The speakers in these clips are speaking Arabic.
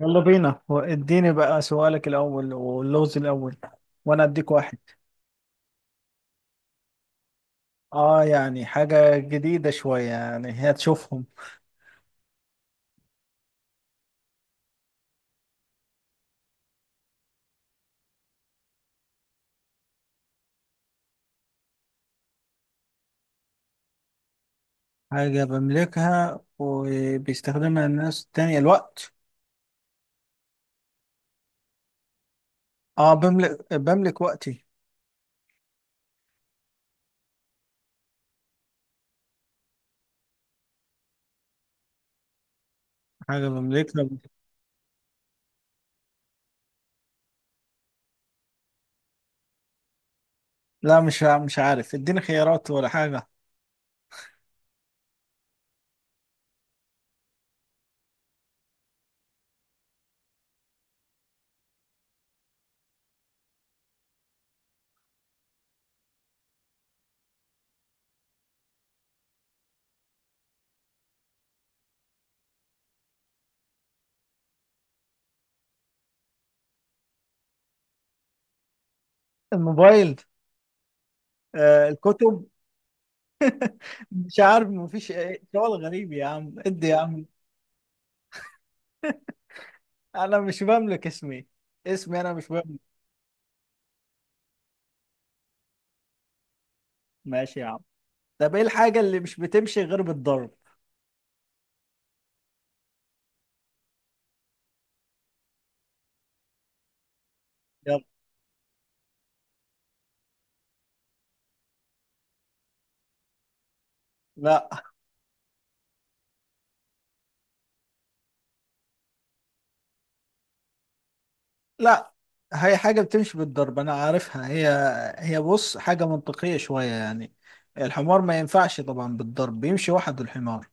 يلا بينا، اديني بقى سؤالك الأول واللغز الأول وأنا أديك واحد. يعني حاجة جديدة شوية يعني هي تشوفهم. حاجة بملكها وبيستخدمها الناس التانية الوقت. آه بملك وقتي. حاجة بملكها. لا، مش عارف، اديني خيارات ولا حاجة. الموبايل. آه الكتب. مش عارف، مفيش سؤال غريب يا عم، ادي يا عم. أنا مش بملك اسمي. اسمي أنا مش بملك. ماشي يا عم. طب ايه الحاجة اللي مش بتمشي غير بالضرب؟ يلا. لا. لا، هي حاجة بتمشي بالضرب أنا عارفها هي. هي بص حاجة منطقية شوية يعني. الحمار ما ينفعش، طبعا بالضرب بيمشي وحده الحمار.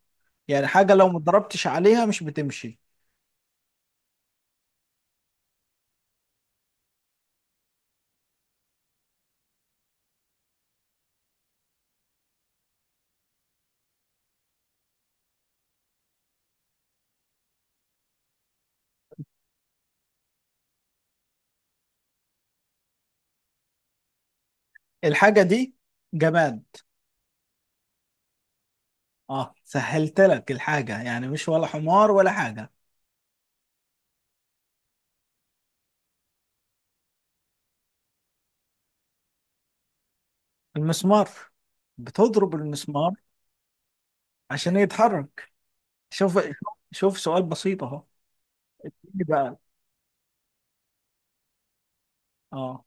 يعني حاجة لو ما ضربتش عليها مش بتمشي. الحاجة دي جماد. اه سهلت لك الحاجة، يعني مش ولا حمار ولا حاجة. المسمار. بتضرب المسمار عشان يتحرك. شوف. شوف سؤال بسيط اهو. إيه بقى. اه.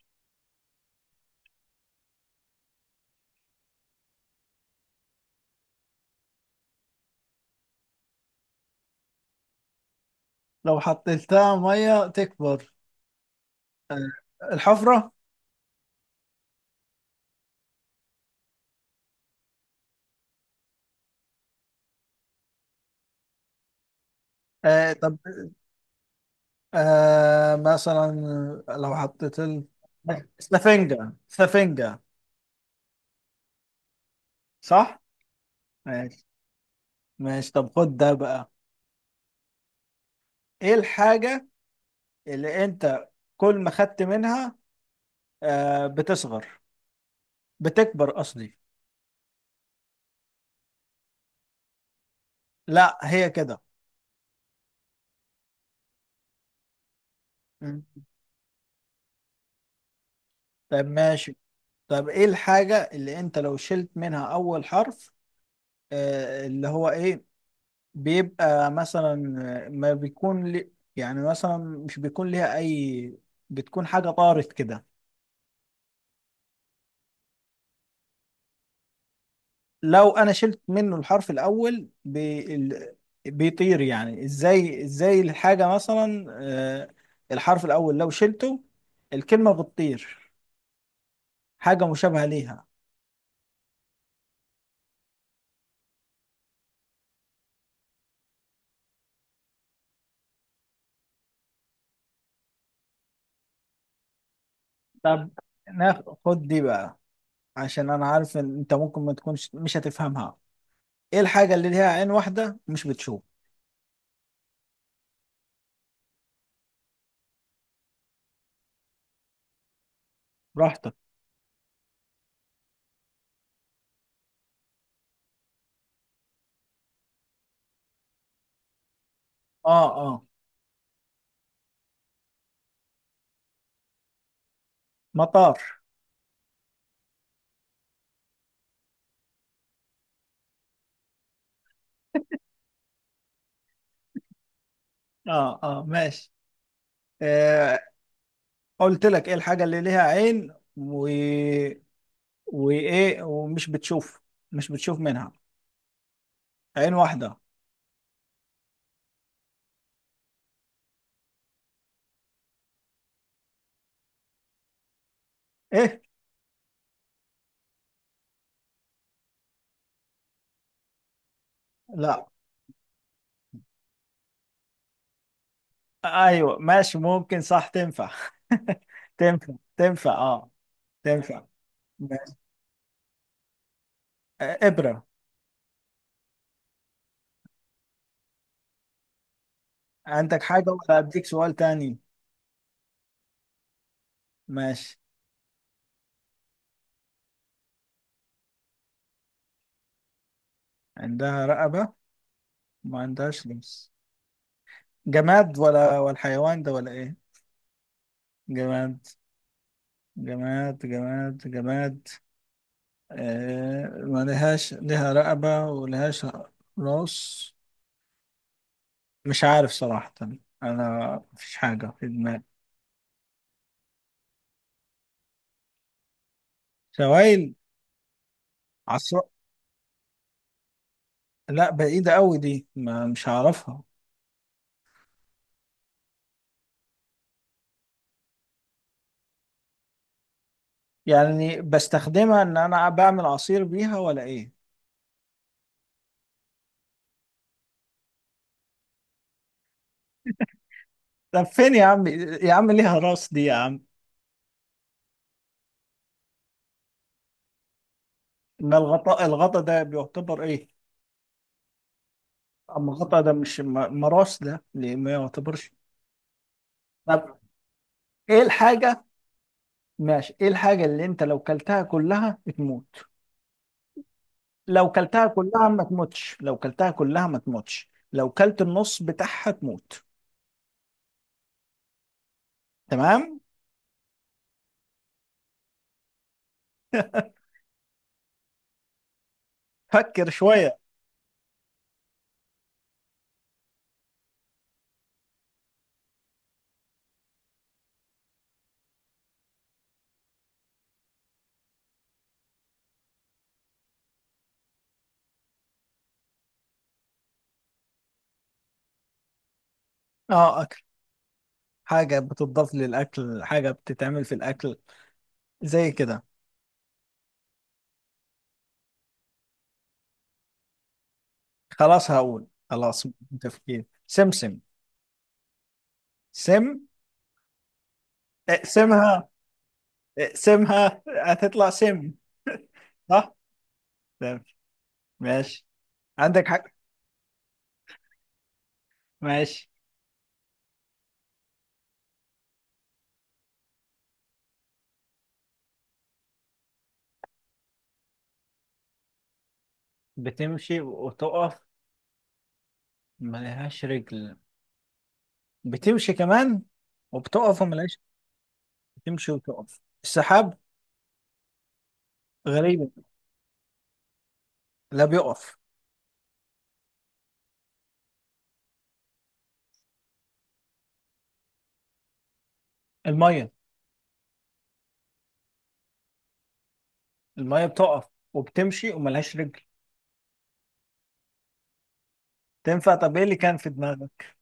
لو حطيتها ميه تكبر. الحفره. آه طب. آه مثلا لو حطيت سفنجه سفنجه. صح. ماشي. ماشي طب خد ده بقى. ايه الحاجه اللي انت كل ما خدت منها آه بتصغر، بتكبر قصدي. لا هي كده. مم. طب ماشي. طب ايه الحاجه اللي انت لو شلت منها اول حرف؟ اللي هو ايه؟ بيبقى مثلا ما بيكون لي، يعني مثلا مش بيكون ليها اي، بتكون حاجة طارت كده. لو انا شلت منه الحرف الاول بيطير، يعني ازاي؟ ازاي الحاجة مثلا؟ الحرف الاول لو شلته الكلمة بتطير، حاجة مشابهة ليها. طب ناخد دي بقى، عشان انا عارف ان انت ممكن ما تكونش مش هتفهمها. ايه الحاجة اللي ليها عين واحدة مش بتشوف؟ براحتك. اه اه. مطار. اه اه ماشي. آه. قلت لك ايه الحاجة اللي ليها عين و... وايه ومش بتشوف، مش بتشوف منها، عين واحدة. ايه. لا، ايوه ماشي ممكن، صح تنفع. تنفع، تنفع اه. تنفع. ماشي. آه ابرة. عندك حاجة ولا اديك سؤال تاني؟ ماشي. عندها رقبة، ما عندهاش لمس. جماد ولا ولا حيوان ده ولا ايه؟ جماد. جماد، جماد، جماد. آه، ما لهاش، لها رقبة ولهاش راس. مش عارف صراحة، أنا مفيش حاجة في دماغي. سوائل. عصر. لا بعيدة أوي دي، ما مش هعرفها. يعني بستخدمها إن أنا بعمل عصير بيها ولا إيه؟ طب فين يا عم؟ يا عم ليها راس دي يا عم. ما الغطاء، الغطا ده بيعتبر إيه؟ أما الغطا ده مش ما راس، ده ليه ما يعتبرش؟ طب إيه الحاجة. ماشي، إيه الحاجة اللي أنت لو كلتها كلها بتموت؟ لو كلتها كلها ما تموتش، لو كلتها كلها ما تموتش، لو كلت النص بتاعها تموت. تمام. فكر شوية. اه اكل. حاجة بتضاف للاكل، حاجة بتتعمل في الاكل، زي كده. خلاص هقول، خلاص. تفكير. سمسم. سم. اقسمها، اقسمها هتطلع سم. صح. تمام. ماشي. عندك حق. ماشي. بتمشي وتقف ملهاش رجل. بتمشي كمان وبتقف وملهاش. تمشي وتقف، السحاب. غريبة. لا بيقف. المية. المية بتقف وبتمشي وملهاش رجل. تنفع، طب ايه اللي كان في دماغك؟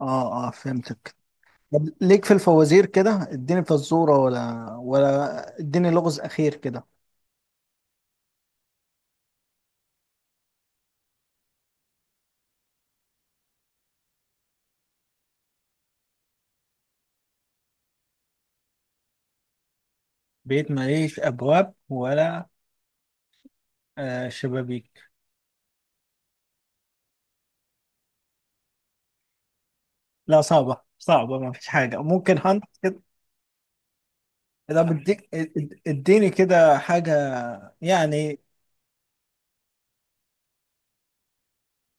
اه اه فهمتك. طب ليك في الفوازير كده، اديني فزورة ولا ولا اديني لغز أخير كده. بيت، ماليش أبواب ولا شبابيك. لا صعبة، صعبة. ما فيش حاجة ممكن هنت كده. ده بديك، اديني كده حاجة يعني.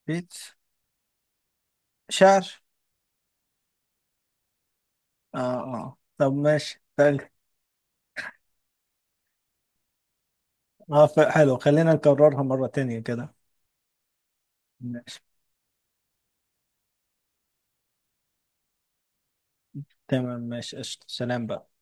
بيت شعر. اه. اه طب ماشي. اه، حلو، خلينا نكررها مرة تانية كده. ماشي. تمام، ماشي، قشطة، سلام بقى.